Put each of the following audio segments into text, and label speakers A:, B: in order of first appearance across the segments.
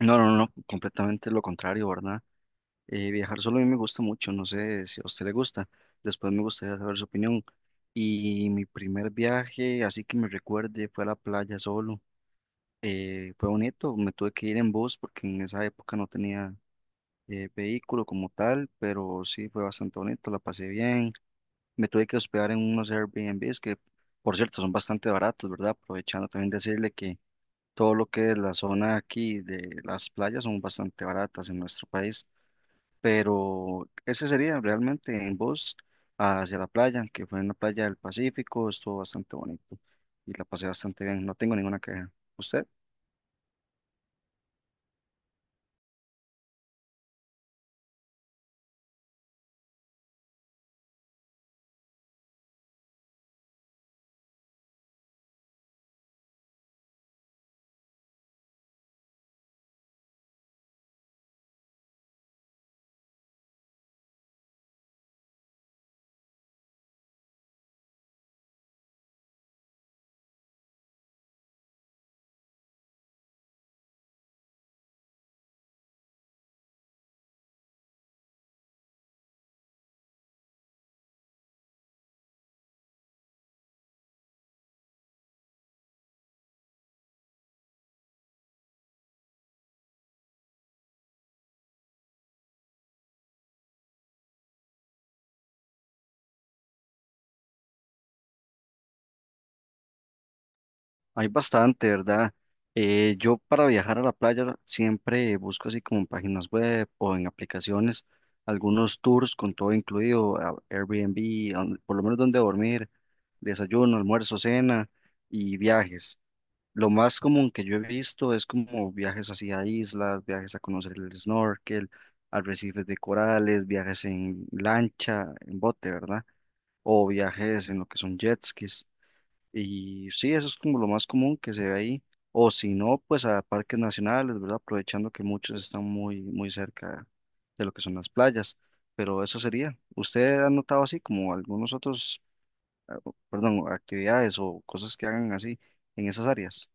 A: No, no, no, completamente lo contrario, ¿verdad? Viajar solo a mí me gusta mucho, no sé si a usted le gusta. Después me gustaría saber su opinión. Y mi primer viaje, así que me recuerde, fue a la playa solo. Fue bonito, me tuve que ir en bus porque en esa época no tenía vehículo como tal, pero sí fue bastante bonito, la pasé bien. Me tuve que hospedar en unos Airbnbs que, por cierto, son bastante baratos, ¿verdad? Aprovechando también decirle que todo lo que es la zona aquí de las playas son bastante baratas en nuestro país, pero ese sería realmente en bus hacia la playa, que fue en la playa del Pacífico, estuvo bastante bonito y la pasé bastante bien, no tengo ninguna queja. ¿Usted? Hay bastante, ¿verdad? Yo para viajar a la playa siempre busco así como en páginas web o en aplicaciones algunos tours con todo incluido, Airbnb, por lo menos donde dormir, desayuno, almuerzo, cena y viajes. Lo más común que yo he visto es como viajes hacia islas, viajes a conocer el snorkel, arrecifes de corales, viajes en lancha, en bote, ¿verdad? O viajes en lo que son jet skis. Y sí, eso es como lo más común que se ve ahí. O si no, pues a parques nacionales, ¿verdad? Aprovechando que muchos están muy, muy cerca de lo que son las playas. Pero eso sería. ¿Usted ha notado así como algunos otros, ah, perdón, actividades o cosas que hagan así en esas áreas?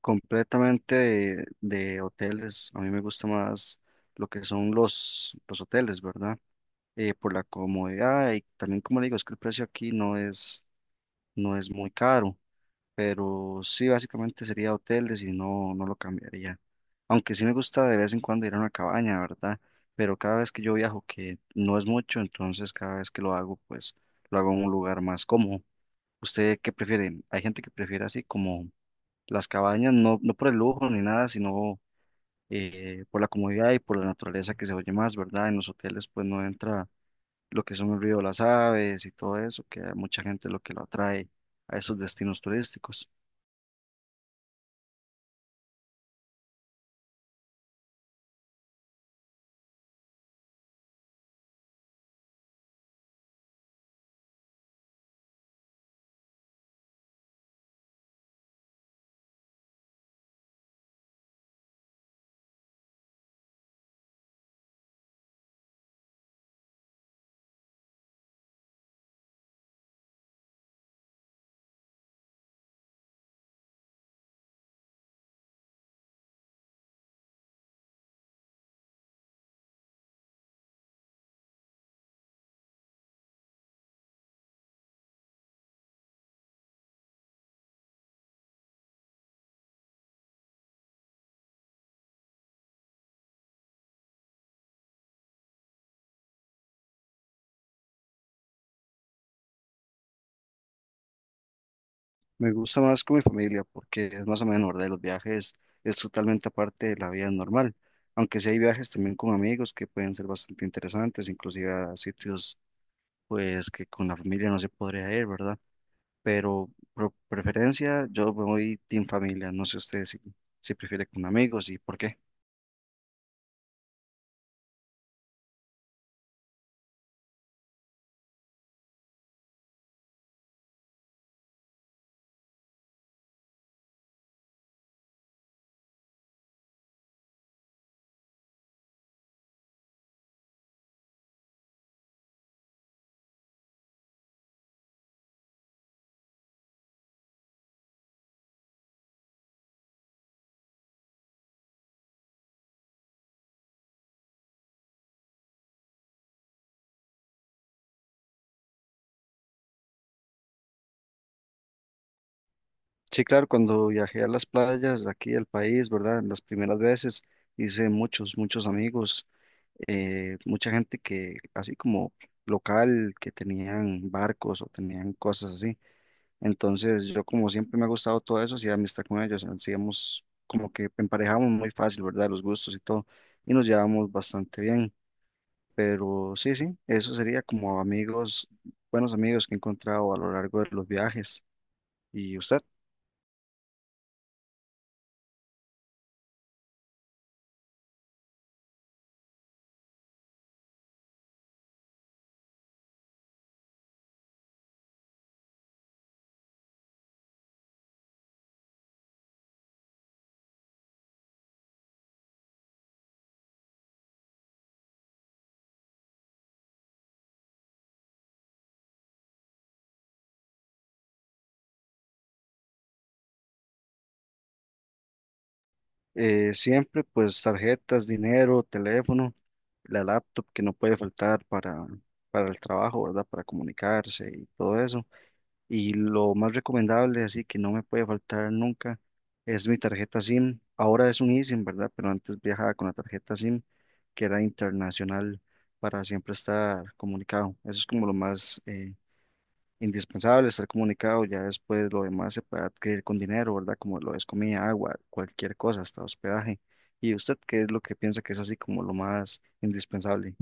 A: Completamente de hoteles. A mí me gusta más lo que son los hoteles, ¿verdad? Por la comodidad y también, como le digo, es que el precio aquí no es muy caro, pero sí, básicamente sería hoteles y no, no lo cambiaría. Aunque sí me gusta de vez en cuando ir a una cabaña, ¿verdad? Pero cada vez que yo viajo, que no es mucho, entonces cada vez que lo hago, pues lo hago en un lugar más cómodo. ¿Usted qué prefiere? Hay gente que prefiere así como las cabañas no, no por el lujo ni nada, sino por la comodidad y por la naturaleza que se oye más, ¿verdad? En los hoteles pues no entra lo que son el ruido de las aves y todo eso, que a mucha gente lo que lo atrae a esos destinos turísticos. Me gusta más con mi familia porque es más o menos, ¿verdad? Y los viajes es totalmente aparte de la vida normal, aunque sí hay viajes también con amigos que pueden ser bastante interesantes, inclusive a sitios pues que con la familia no se podría ir, ¿verdad? Pero por preferencia yo me voy team familia, no sé usted si, si prefiere con amigos y por qué. Sí, claro, cuando viajé a las playas de aquí del país, ¿verdad? Las primeras veces hice muchos, muchos amigos, mucha gente que, así como local, que tenían barcos o tenían cosas así. Entonces, yo como siempre me ha gustado todo eso, hacía amistad con ellos, hacíamos como que emparejamos muy fácil, ¿verdad? Los gustos y todo, y nos llevamos bastante bien. Pero sí, sí, eso sería como amigos, buenos amigos que he encontrado a lo largo de los viajes. ¿Y usted? Siempre pues tarjetas, dinero, teléfono, la laptop que no puede faltar para el trabajo, ¿verdad? Para comunicarse y todo eso. Y lo más recomendable, así que no me puede faltar nunca, es mi tarjeta SIM. Ahora es un eSIM, ¿verdad? Pero antes viajaba con la tarjeta SIM, que era internacional, para siempre estar comunicado. Eso es como lo más... indispensable estar comunicado, ya después lo demás se puede adquirir con dinero, ¿verdad? Como lo es comida, agua, cualquier cosa, hasta hospedaje. ¿Y usted qué es lo que piensa que es así como lo más indispensable?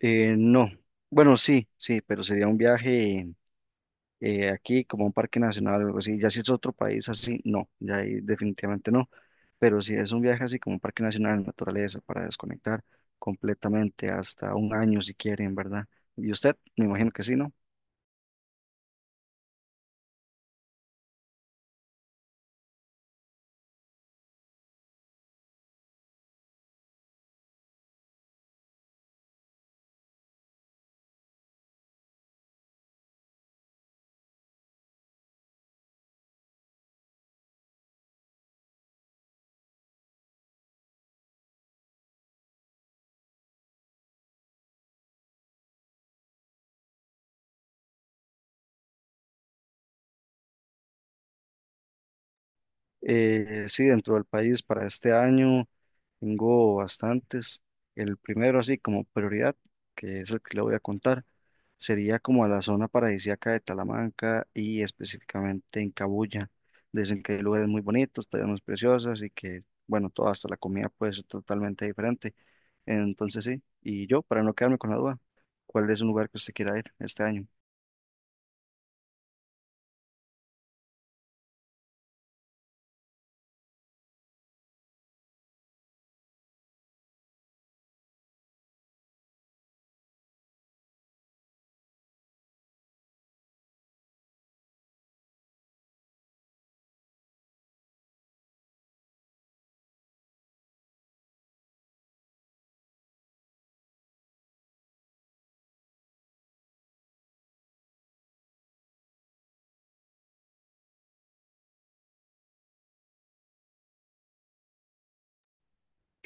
A: No, bueno, sí, sí, pero sería un viaje aquí como a un parque nacional o algo así. Ya si es otro país así, no, ya ahí definitivamente no. Pero si es un viaje así como un parque nacional, naturaleza, para desconectar completamente hasta un año si quieren, ¿verdad? Y usted, me imagino que sí, ¿no? Sí, dentro del país para este año tengo bastantes. El primero, así como prioridad, que es el que le voy a contar, sería como a la zona paradisíaca de Talamanca y específicamente en Cabuya. Dicen que hay lugares muy bonitos, playas preciosas y que, bueno, todo hasta la comida puede ser totalmente diferente. Entonces sí, y yo, para no quedarme con la duda, ¿cuál es un lugar que usted quiera ir este año?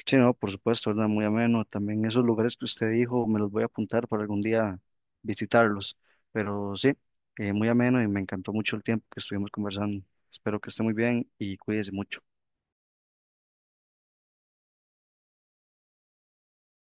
A: Sí, no, por supuesto, ¿verdad? Muy ameno. También esos lugares que usted dijo, me los voy a apuntar para algún día visitarlos. Pero sí, muy ameno y me encantó mucho el tiempo que estuvimos conversando. Espero que esté muy bien y cuídese mucho.